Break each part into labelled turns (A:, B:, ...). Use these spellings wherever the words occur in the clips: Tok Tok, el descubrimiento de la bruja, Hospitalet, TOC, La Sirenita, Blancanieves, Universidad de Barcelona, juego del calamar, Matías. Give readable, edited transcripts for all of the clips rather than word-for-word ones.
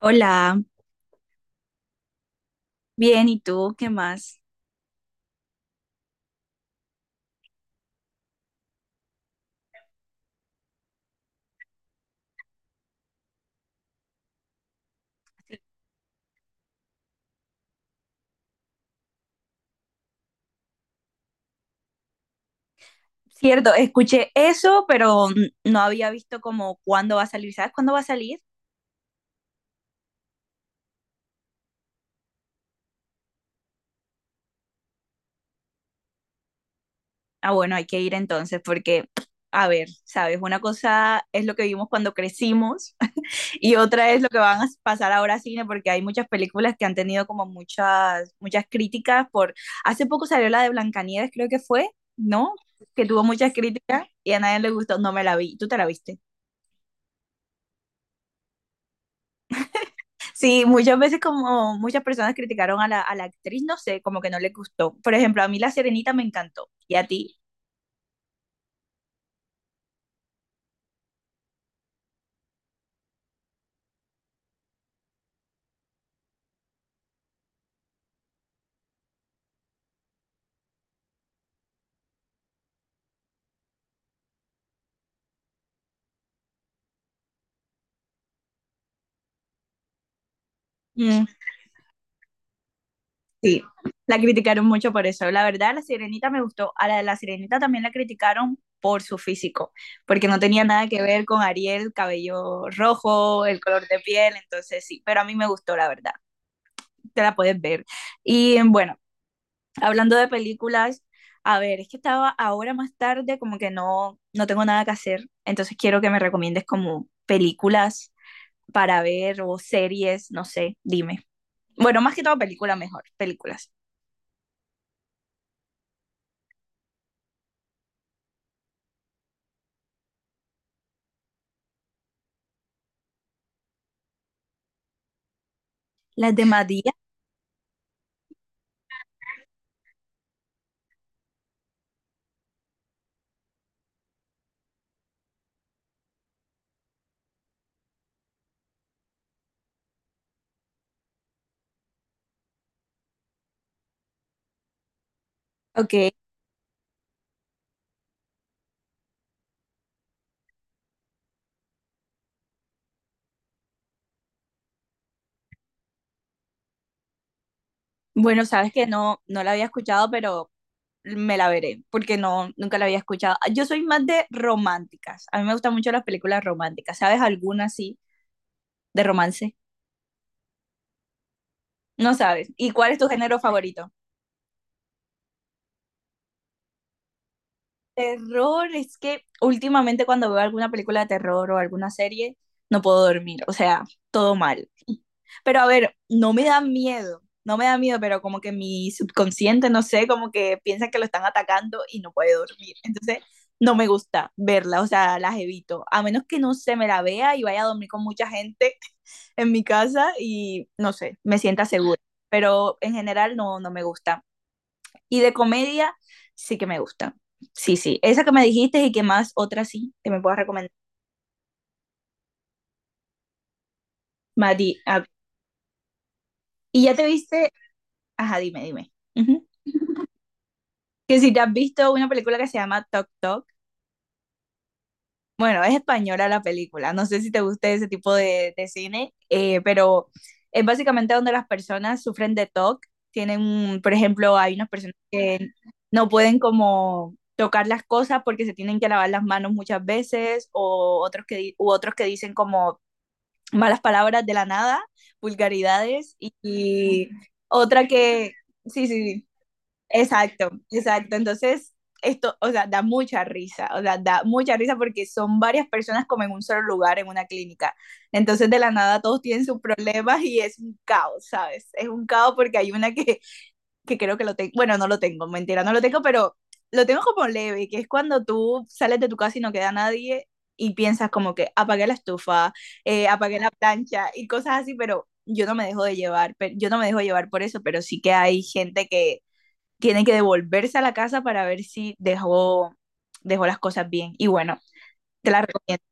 A: Hola, bien, ¿y tú qué más? Cierto, escuché eso, pero no había visto como cuándo va a salir. ¿Sabes cuándo va a salir? Ah, bueno, hay que ir entonces porque, a ver, ¿sabes? Una cosa es lo que vimos cuando crecimos y otra es lo que van a pasar ahora a cine porque hay muchas películas que han tenido como muchas críticas por... Hace poco salió la de Blancanieves, creo que fue, ¿no? Que tuvo muchas críticas y a nadie le gustó, no me la vi. ¿Tú te la viste? Sí, muchas veces como muchas personas criticaron a la actriz, no sé, como que no le gustó. Por ejemplo, a mí La Sirenita me encantó y a ti. Mm, sí, la criticaron mucho por eso. La verdad, La Sirenita me gustó. A la de La Sirenita también la criticaron por su físico, porque no tenía nada que ver con Ariel, cabello rojo, el color de piel, entonces sí, pero a mí me gustó, la verdad. Te la puedes ver. Y bueno. Hablando de películas, a ver, es que estaba ahora más tarde, como que no, no tengo nada que hacer, entonces quiero que me recomiendes como películas para ver o series, no sé, dime. Bueno, más que todo películas mejor, películas. Las de Matías, ok. Bueno, sabes que no, no la había escuchado, pero me la veré, porque no, nunca la había escuchado. Yo soy más de románticas, a mí me gustan mucho las películas románticas, ¿sabes alguna así de romance? No sabes. ¿Y cuál es tu género favorito? Terror, es que últimamente cuando veo alguna película de terror o alguna serie, no puedo dormir, o sea, todo mal. Pero a ver, no me da miedo, no me da miedo, pero como que mi subconsciente, no sé, como que piensa que lo están atacando y no puede dormir. Entonces, no me gusta verla, o sea, las evito, a menos que no se me la vea y vaya a dormir con mucha gente en mi casa y, no sé, me sienta segura. Pero en general no, no me gusta. Y de comedia sí que me gusta. Sí, sí. Esa que me dijiste y que más otra sí que me puedas recomendar. Mati, a- y ya te viste, ajá, dime, dime. Ujú. Que si te has visto una película que se llama Tok Tok. Bueno, es española la película. No sé si te gusta ese tipo de cine, pero es básicamente donde las personas sufren de TOC. Tienen, por ejemplo, hay unas personas que no pueden como tocar las cosas porque se tienen que lavar las manos muchas veces, o otros que, u otros que dicen como malas palabras de la nada, vulgaridades y otra que, sí, sí, sí, exacto, exacto. Entonces, esto, o sea, da mucha risa, o sea, da mucha risa porque son varias personas como en un solo lugar, en una clínica. Entonces, de la nada, todos tienen sus problemas y es un caos, ¿sabes? Es un caos porque hay una que creo que lo tengo, bueno, no lo tengo, mentira, no lo tengo, pero lo tengo como leve, que es cuando tú sales de tu casa y no queda nadie y piensas como que apagué la estufa, apagué la plancha y cosas así, pero yo no me dejo de llevar, pero yo no me dejo llevar por eso, pero sí que hay gente que tiene que devolverse a la casa para ver si dejó las cosas bien. Y bueno, te la recomiendo.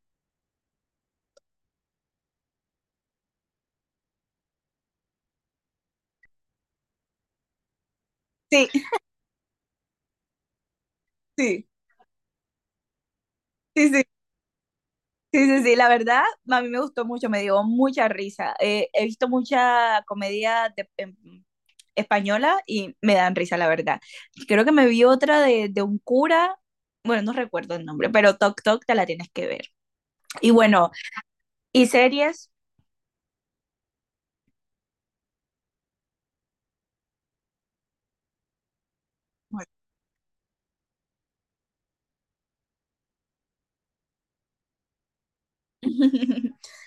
A: Sí, sí, sí, sí. Sí, sí, sí, la verdad, a mí me gustó mucho, me dio mucha risa. He visto mucha comedia de- en española y me dan risa, la verdad. Creo que me vi otra de un cura, bueno, no recuerdo el nombre, pero Toc Toc te la tienes que ver. Y bueno, y series. Bueno.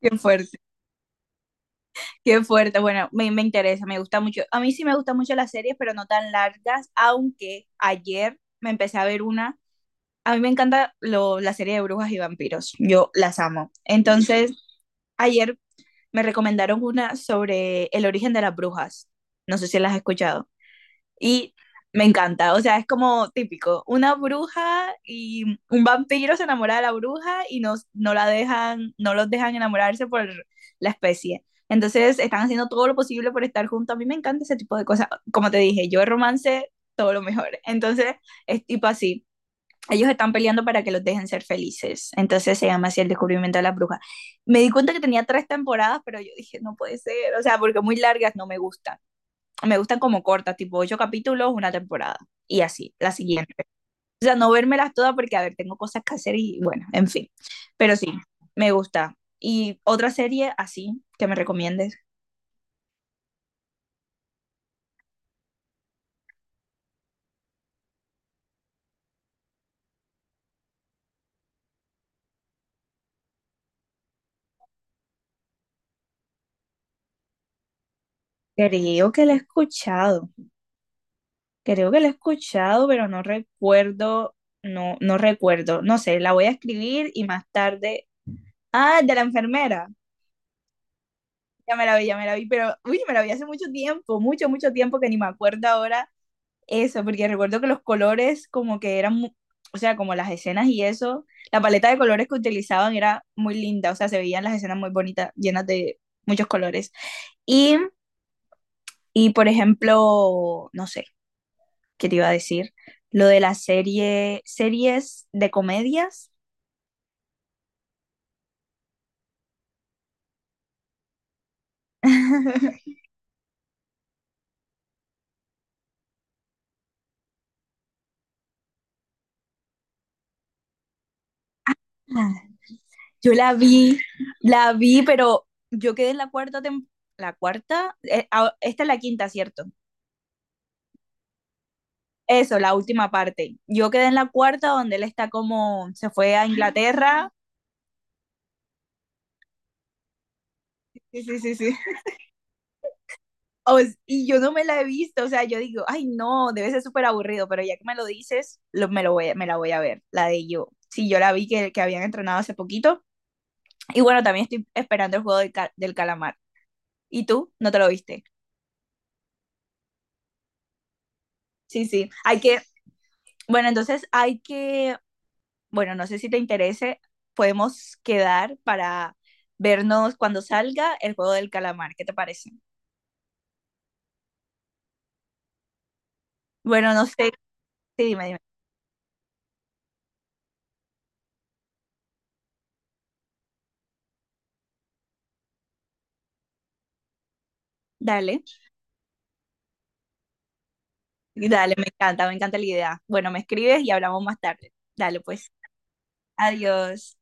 A: Qué fuerte, qué fuerte. Bueno, me interesa, me gusta mucho. A mí sí me gustan mucho las series, pero no tan largas, aunque ayer me empecé a ver una. A mí me encanta lo, la serie de brujas y vampiros. Yo las amo. Entonces, ayer me recomendaron una sobre el origen de las brujas. No sé si las has escuchado. Y me encanta, o sea, es como típico, una bruja y un vampiro se enamora de la bruja y no, no la dejan, no los dejan enamorarse por la especie. Entonces están haciendo todo lo posible por estar juntos. A mí me encanta ese tipo de cosas. Como te dije, yo de romance, todo lo mejor. Entonces es tipo así. Ellos están peleando para que los dejen ser felices. Entonces se llama así el descubrimiento de la bruja. Me di cuenta que tenía tres temporadas, pero yo dije, no puede ser. O sea, porque muy largas no me gustan me gustan como cortas, tipo ocho capítulos, una temporada. Y así, la siguiente. O sea, no vérmelas todas porque, a ver, tengo cosas que hacer y bueno, en fin. Pero sí, me gusta. Y otra serie así que me recomiendes. Creo que la he escuchado. Creo que la he escuchado, pero no recuerdo. No, no recuerdo. No sé, la voy a escribir y más tarde. Ah, de la enfermera. Ya me la vi, ya me la vi, pero uy, me la vi hace mucho tiempo, mucho, mucho tiempo que ni me acuerdo ahora. Eso, porque recuerdo que los colores como que eran, o sea, como las escenas y eso, la paleta de colores que utilizaban era muy linda, o sea, se veían las escenas muy bonitas, llenas de muchos colores. Y, y por ejemplo, no sé, ¿qué te iba a decir? Lo de la serie, series de comedias. Yo la vi, pero yo quedé en la cuarta temporada, la cuarta, ah, esta es la quinta, ¿cierto? Eso, la última parte. Yo quedé en la cuarta donde él está como, se fue a Inglaterra. Sí, sí, sí, sí. Y yo no me la he visto, o sea, yo digo, ay no, debe ser súper aburrido, pero ya que me lo dices, lo voy, me la voy a ver, la de yo. Sí, yo la vi que habían entrenado hace poquito. Y bueno, también estoy esperando el juego del, del calamar. ¿Y tú? ¿No te lo viste? Sí, sí. Hay que, bueno, entonces hay que, bueno, no sé si te interese, podemos quedar para vernos cuando salga el juego del calamar. ¿Qué te parece? Bueno, no sé. Sí, dime, dime. Dale, dale, me encanta la idea. Bueno, me escribes y hablamos más tarde. Dale, pues. Adiós.